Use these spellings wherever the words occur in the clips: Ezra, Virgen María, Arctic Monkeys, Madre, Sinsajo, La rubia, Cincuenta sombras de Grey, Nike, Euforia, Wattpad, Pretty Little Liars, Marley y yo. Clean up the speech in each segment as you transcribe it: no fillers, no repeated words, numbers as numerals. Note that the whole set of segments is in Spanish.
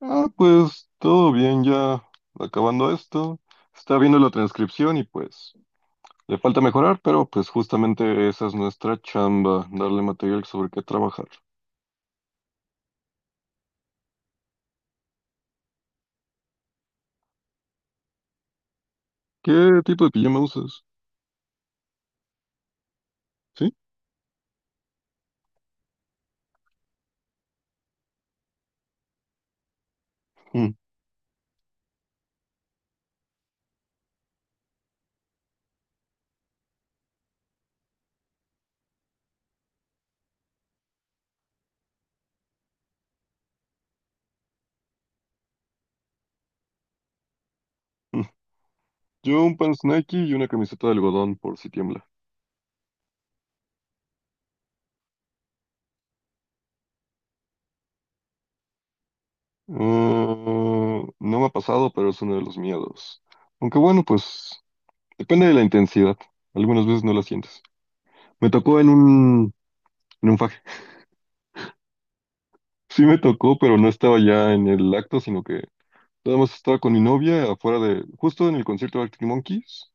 Ah, pues todo bien, ya acabando esto. Está viendo la transcripción y pues le falta mejorar, pero pues justamente esa es nuestra chamba, darle material sobre qué trabajar. ¿Qué tipo de pijama usas? ¿Sí? Mm. Mm. Yo un pants Nike y una camiseta de algodón por si tiembla. Ah, no me ha pasado, pero es uno de los miedos. Aunque bueno, pues depende de la intensidad. Algunas veces no la sientes. Me tocó en en un faje. Sí me tocó, pero no estaba ya en el acto, sino que nada más estaba con mi novia afuera de, justo en el concierto de Arctic Monkeys,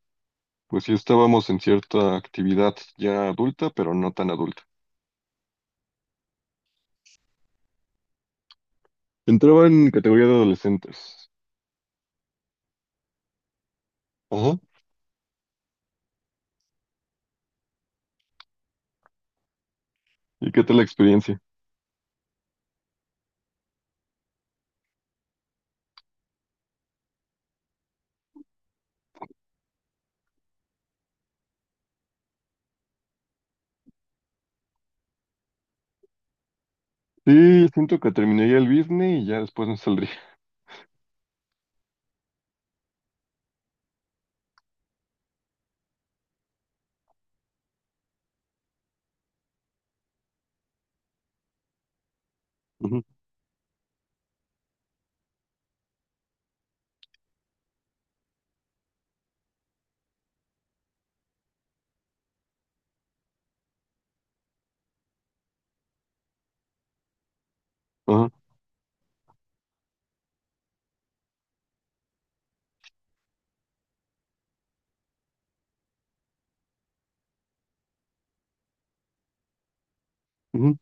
pues sí estábamos en cierta actividad ya adulta, pero no tan adulta. Entraba en categoría de adolescentes. Ajá. ¿Y qué tal la experiencia? Sí, siento que terminaría el business y ya después me saldría. Ujú. Ajá. Ujú,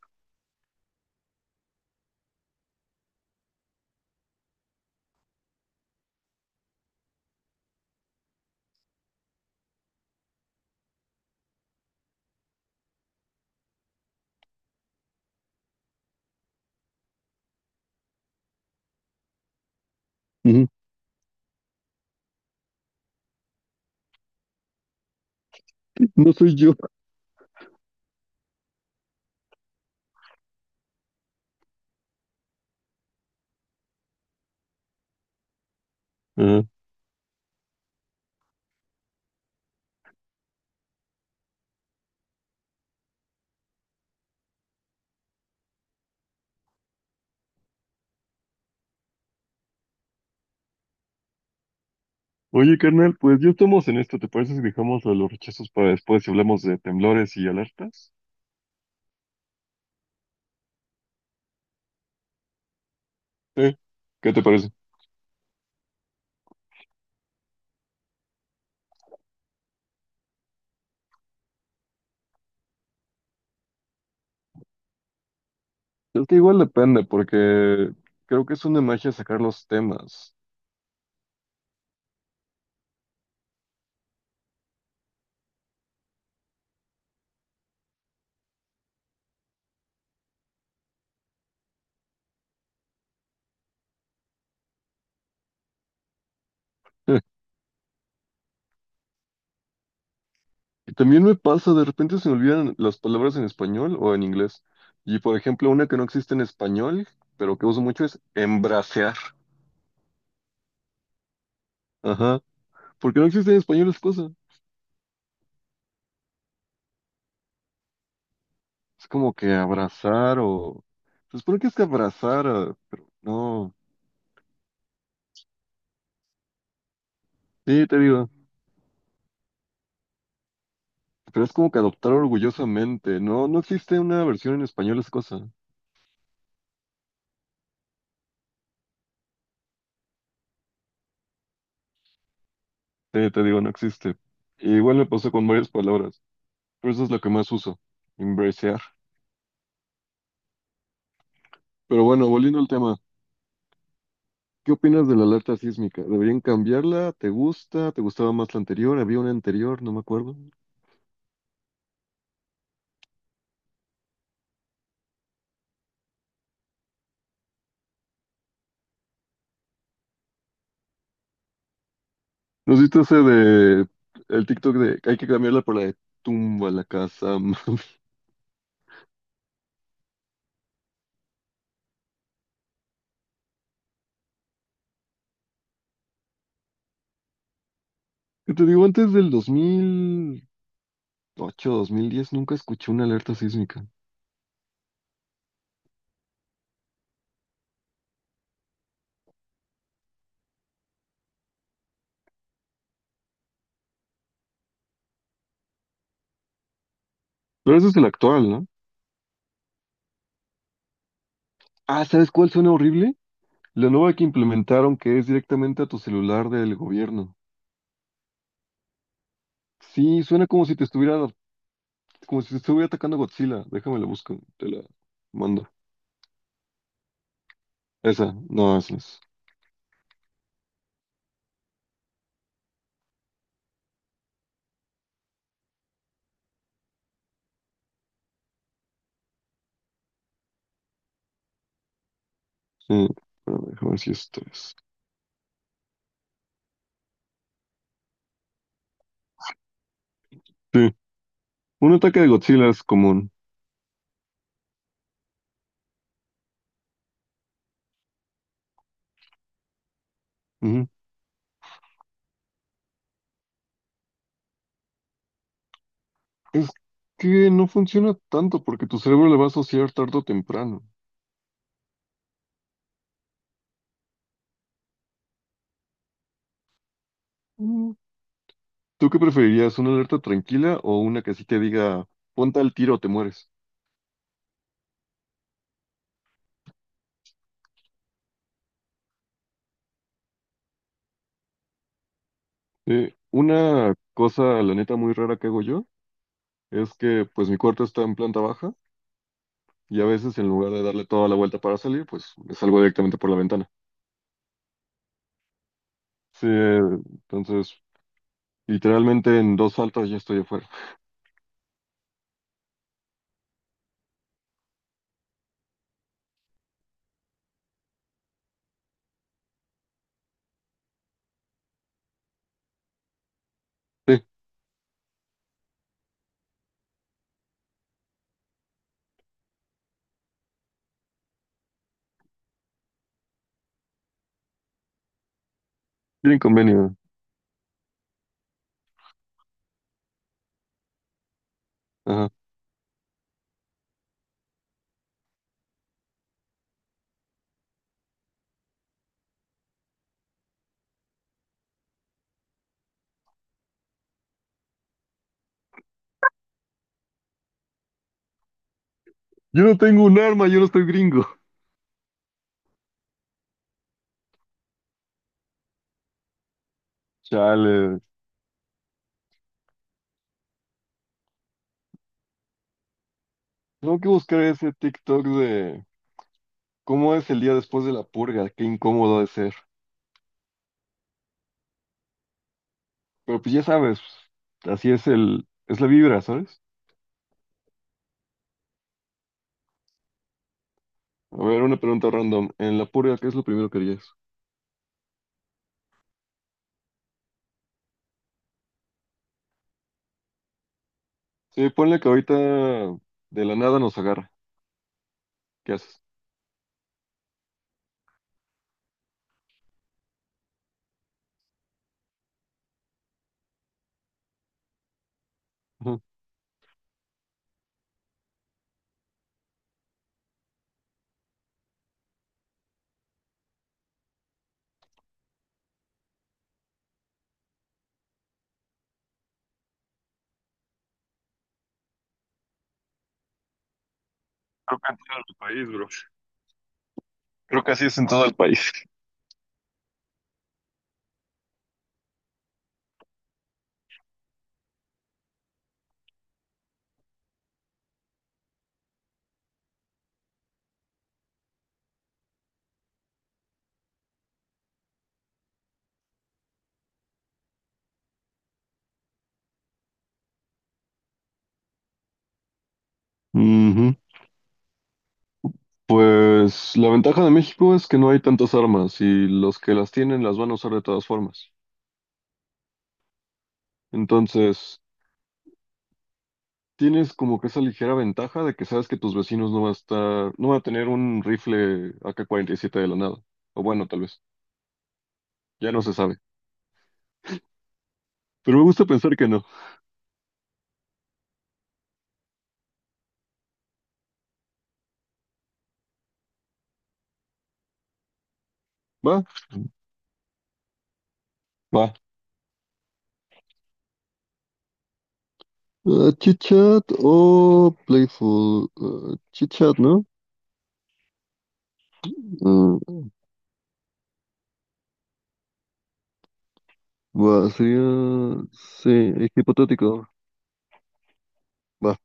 ujú. No soy yo. Ajá. Oye, carnal, pues ya estamos en esto. ¿Te parece si dejamos lo de los rechazos para después y hablamos de temblores y alertas? Sí. ¿Qué te parece? Es que igual depende, porque creo que es una magia sacar los temas. Y también me pasa, de repente se me olvidan las palabras en español o en inglés. Y por ejemplo, una que no existe en español, pero que uso mucho es embracear. Ajá. Porque no existe en español esa cosa. Es como que abrazar o… Se supone que es que abrazar, ah, pero no. Sí, te digo. Pero es como que adoptar orgullosamente. No, no existe una versión en español esa cosa. Sí, te digo, no existe. Igual me pasó con varias palabras. Pues eso es lo que más uso, embracear. Pero bueno, volviendo al tema, ¿qué opinas de la alerta sísmica? ¿Deberían cambiarla? ¿Te gusta? ¿Te gustaba más la anterior? ¿Había una anterior? No me acuerdo. ¿Nos viste ese de el TikTok de que hay que cambiarla por la de tumba la casa? Que te digo, antes del 2008, 2010 nunca escuché una alerta sísmica. Pero ese es el actual, ¿no? Ah, ¿sabes cuál suena horrible? La nueva que implementaron que es directamente a tu celular del gobierno. Sí, suena como si te estuviera… como si estuviera atacando a Godzilla. Déjame la busco, te la mando. Esa, no, esa es. Sí, pero déjame ver si esto es. Sí, un ataque de Godzilla es común. Ujú. Es que no funciona tanto porque tu cerebro le va a asociar tarde o temprano. Mm. ¿Tú qué preferirías, una alerta tranquila o una que así te diga, ponte al tiro o te mueres? Una cosa, la neta, muy rara que hago yo es que pues mi cuarto está en planta baja y a veces en lugar de darle toda la vuelta para salir, pues me salgo directamente por la ventana. Sí, entonces, literalmente en dos faltas ya estoy afuera. Sí, bien convenio. Ajá. Yo no tengo un arma, yo no estoy gringo. Chale. Tengo que buscar ese TikTok de cómo es el día después de la purga, qué incómodo ha de ser. Pero pues ya sabes, así es es la vibra, ¿sabes? A ver, una pregunta random. En la purga, ¿qué es lo primero que harías? Sí, ponle que ahorita de la nada nos agarra. ¿Qué haces? Ujú. Es en todo el país. Ujú. Pues la ventaja de México es que no hay tantas armas y los que las tienen las van a usar de todas formas. Entonces, tienes como que esa ligera ventaja de que sabes que tus vecinos no va a estar, no va a tener un rifle AK-47 de la nada. O bueno, tal vez, ya no se sabe. Pero me gusta pensar que no. Va, va. Ah, chit o playful. Ah, chitchat, ¿no? Ah, va, sería, sí, es hipotético. Va.